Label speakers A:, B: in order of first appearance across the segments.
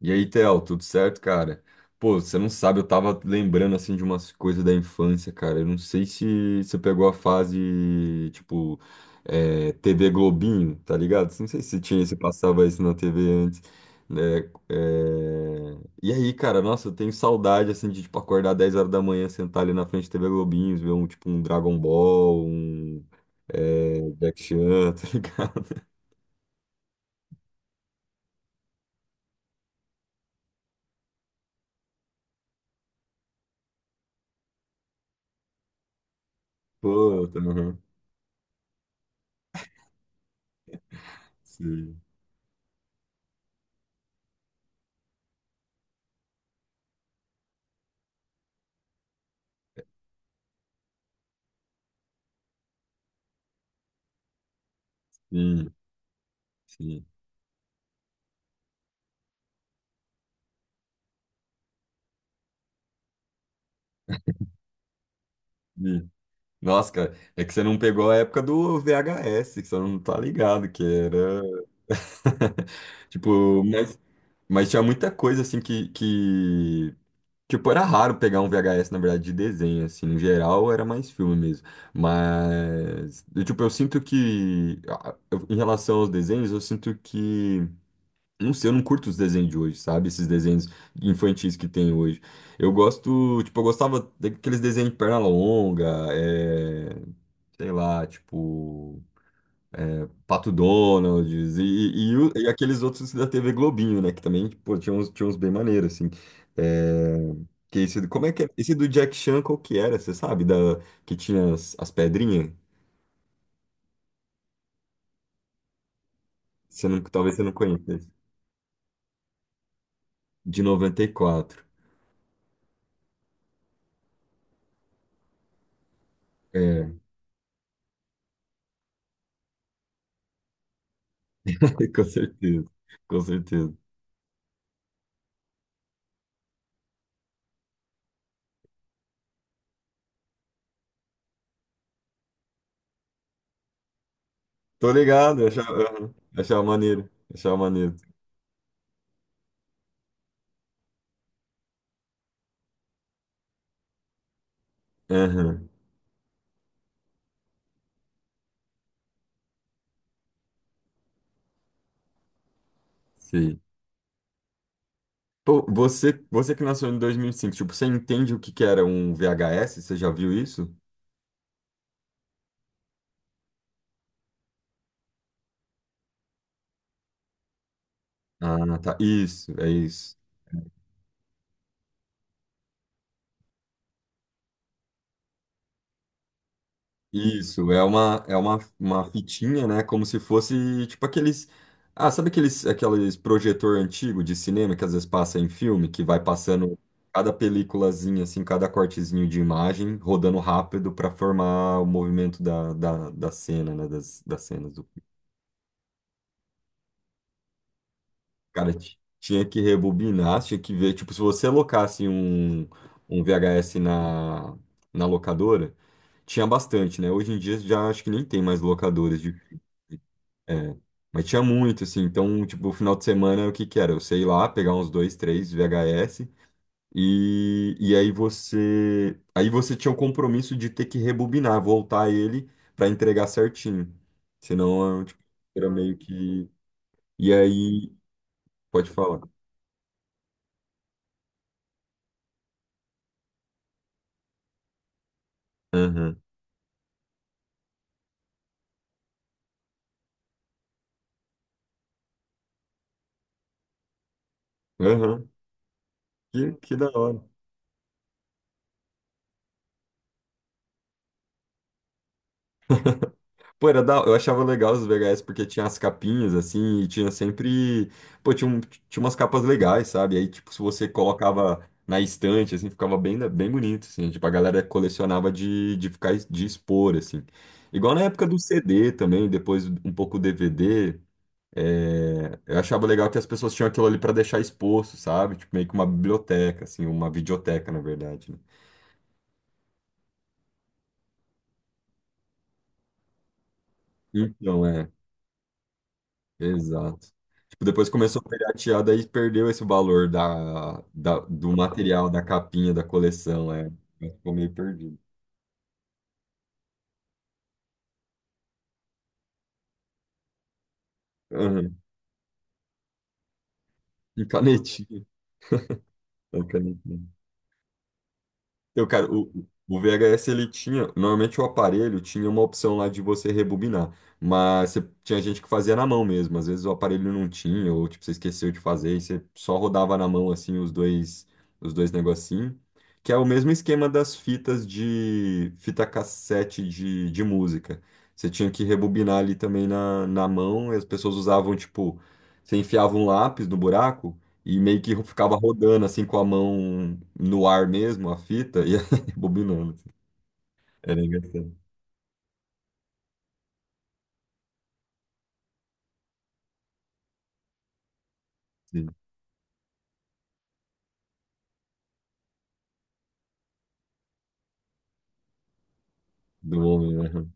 A: E aí, Theo, tudo certo, cara? Pô, você não sabe, eu tava lembrando assim de umas coisas da infância, cara. Eu não sei se você pegou a fase, tipo, TV Globinho, tá ligado? Não sei se tinha, se passava isso na TV antes, né? É. E aí, cara, nossa, eu tenho saudade assim de tipo acordar 10 horas da manhã, sentar ali na frente da TV Globinho, ver um tipo um Dragon Ball, um Jack Chan, tá ligado? Pô, tá. Sim, sim, sim. Nossa, cara, é que você não pegou a época do VHS, que você não tá ligado, que era. Tipo, mas tinha muita coisa, assim, que. Tipo, era raro pegar um VHS, na verdade, de desenho, assim. No geral, era mais filme mesmo. Mas, eu, tipo, eu sinto que. Em relação aos desenhos, eu sinto que. Não sei, eu não curto os desenhos de hoje, sabe? Esses desenhos infantis que tem hoje. Eu gosto. Tipo, eu gostava daqueles desenhos de perna longa, eh, sei lá, tipo, Pato Donald e aqueles outros da TV Globinho, né? Que também, pô, tinha uns bem maneiros, assim. É, que esse, como é que é? Esse do Jack Chan, qual que era? Você sabe? Da, que tinha as pedrinhas? Você não, talvez você não conheça. De 94. É, com certeza. Com certeza. Tô ligado, eu achava, aham, achava maneiro. Achava maneiro. Aham, sim. Pô, você que nasceu em 2005, tipo, você entende o que que era um VHS? Você já viu isso? Ah, tá. Isso, é isso. Isso, é uma fitinha, né? Como se fosse, tipo, aqueles. Ah, sabe aqueles projetor antigo de cinema que às vezes passa em filme, que vai passando cada peliculazinha, assim, cada cortezinho de imagem, rodando rápido para formar o movimento da cena, né? Das cenas. Cara, tinha que rebobinar, tinha que ver. Tipo, se você alocasse um VHS na locadora, tinha bastante, né? Hoje em dia já acho que nem tem mais locadoras de. é, mas tinha muito, assim. Então, tipo, o final de semana, o que que era? Eu sei lá, pegar uns dois, três VHS e aí você. Aí você tinha o compromisso de ter que rebobinar, voltar ele pra entregar certinho. Senão, tipo, era meio que. E aí. Pode falar. Aham. Aham. Que da hora. Pô, era da. Eu achava legal os VHS porque tinha as capinhas, assim, e tinha sempre. Pô, tinha umas capas legais, sabe? Aí, tipo, se você colocava na estante, assim, ficava bem, bem bonito, assim. Tipo, a galera colecionava de ficar, de expor, assim. Igual na época do CD também, depois um pouco DVD. Eu achava legal que as pessoas tinham aquilo ali pra deixar exposto, sabe? Tipo, meio que uma biblioteca, assim, uma videoteca, na verdade, né? Então, é. Exato. Tipo, depois começou a piratear, daí perdeu esse valor do material, da capinha, da coleção. É, ficou meio perdido. Aham. E canetinha. É, canetinha. Eu, cara, o VHS ele tinha. Normalmente o aparelho tinha uma opção lá de você rebobinar. Mas tinha gente que fazia na mão mesmo. Às vezes o aparelho não tinha, ou tipo, você esqueceu de fazer, e você só rodava na mão assim os dois negocinhos. Que é o mesmo esquema das fitas de fita cassete de música. Você tinha que rebobinar ali também na mão, e as pessoas usavam, tipo, você enfiava um lápis no buraco. E meio que ficava rodando assim com a mão no ar mesmo, a fita, e bobinando, assim. Era engraçado. Sim, do homem, né?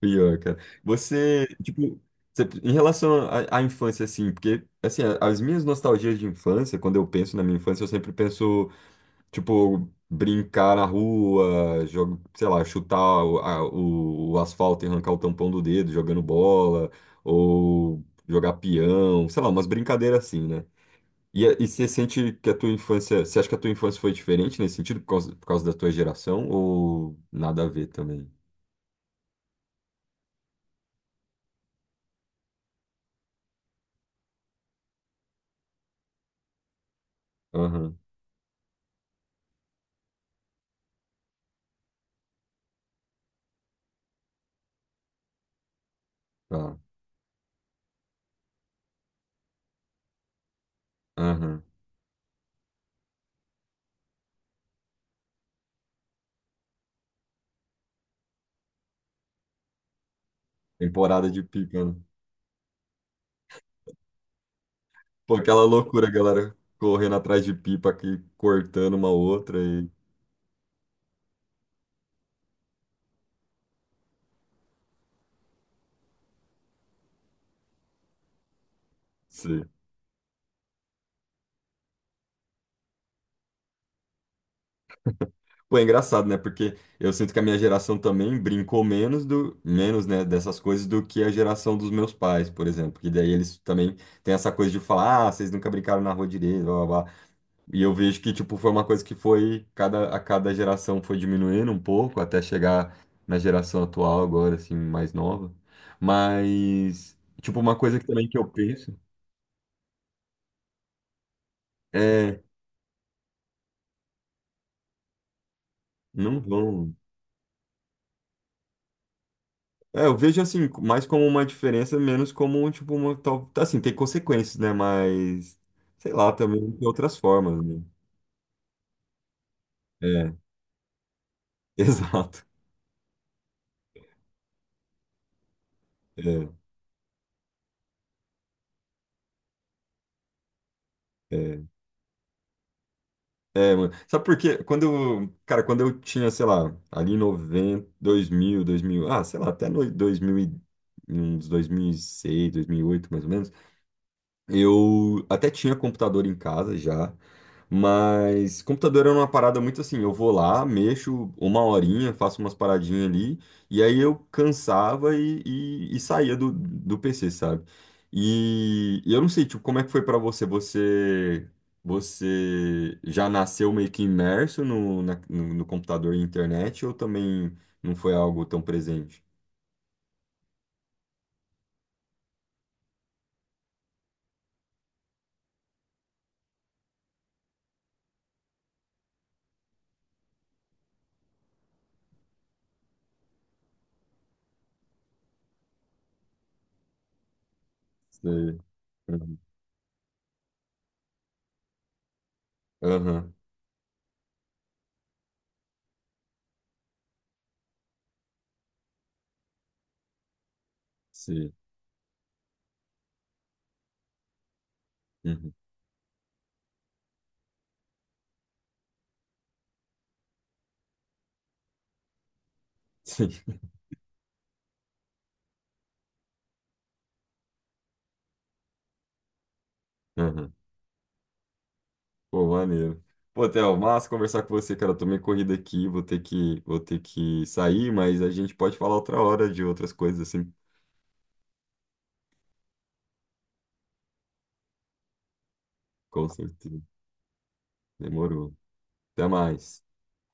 A: Pior, cara. Você, tipo, em relação à infância, assim, porque, assim, as minhas nostalgias de infância, quando eu penso na minha infância, eu sempre penso, tipo, brincar na rua, jogo, sei lá, chutar o asfalto e arrancar o tampão do dedo, jogando bola, ou jogar peão, sei lá, umas brincadeiras assim, né? E você sente que a tua infância, você acha que a tua infância foi diferente nesse sentido, por causa da tua geração, ou nada a ver também? Aham, tá. Aham. Temporada de pipa, né? Pô, aquela loucura, galera correndo atrás de pipa aqui, cortando uma outra e. Sim. Pô, é engraçado, né? Porque eu sinto que a minha geração também brincou menos do, menos, né, dessas coisas do que a geração dos meus pais, por exemplo. Que daí eles também têm essa coisa de falar, ah, vocês nunca brincaram na rua direito, blá, blá, blá. E eu vejo que, tipo, foi uma coisa que foi, a cada geração foi diminuindo um pouco, até chegar na geração atual agora, assim, mais nova. Mas, tipo, uma coisa que também que eu penso é, não vão. É, eu vejo, assim, mais como uma diferença, menos como, tipo, uma tal. Assim, tem consequências, né? Mas, sei lá, também tem outras formas, né? É, exato. É. É. É, mano. Sabe por quê? Quando eu, cara, quando eu tinha, sei lá, ali em noventa, dois mil, sei lá, até no 2000, uns 2006, oito mais ou menos. Eu até tinha computador em casa já, mas computador era uma parada muito assim, eu vou lá, mexo uma horinha, faço umas paradinhas ali, e aí eu cansava e saía do PC, sabe? E eu não sei, tipo, como é que foi pra você? Você já nasceu meio que imerso no computador e internet, ou também não foi algo tão presente? Sei. Aham, aham. Sei. Uhum. Sim. Pô, maneiro. Pô, Theo, massa conversar com você, cara. Eu tomei corrida aqui, vou ter que sair, mas a gente pode falar outra hora de outras coisas assim, com certeza. Demorou. Até mais.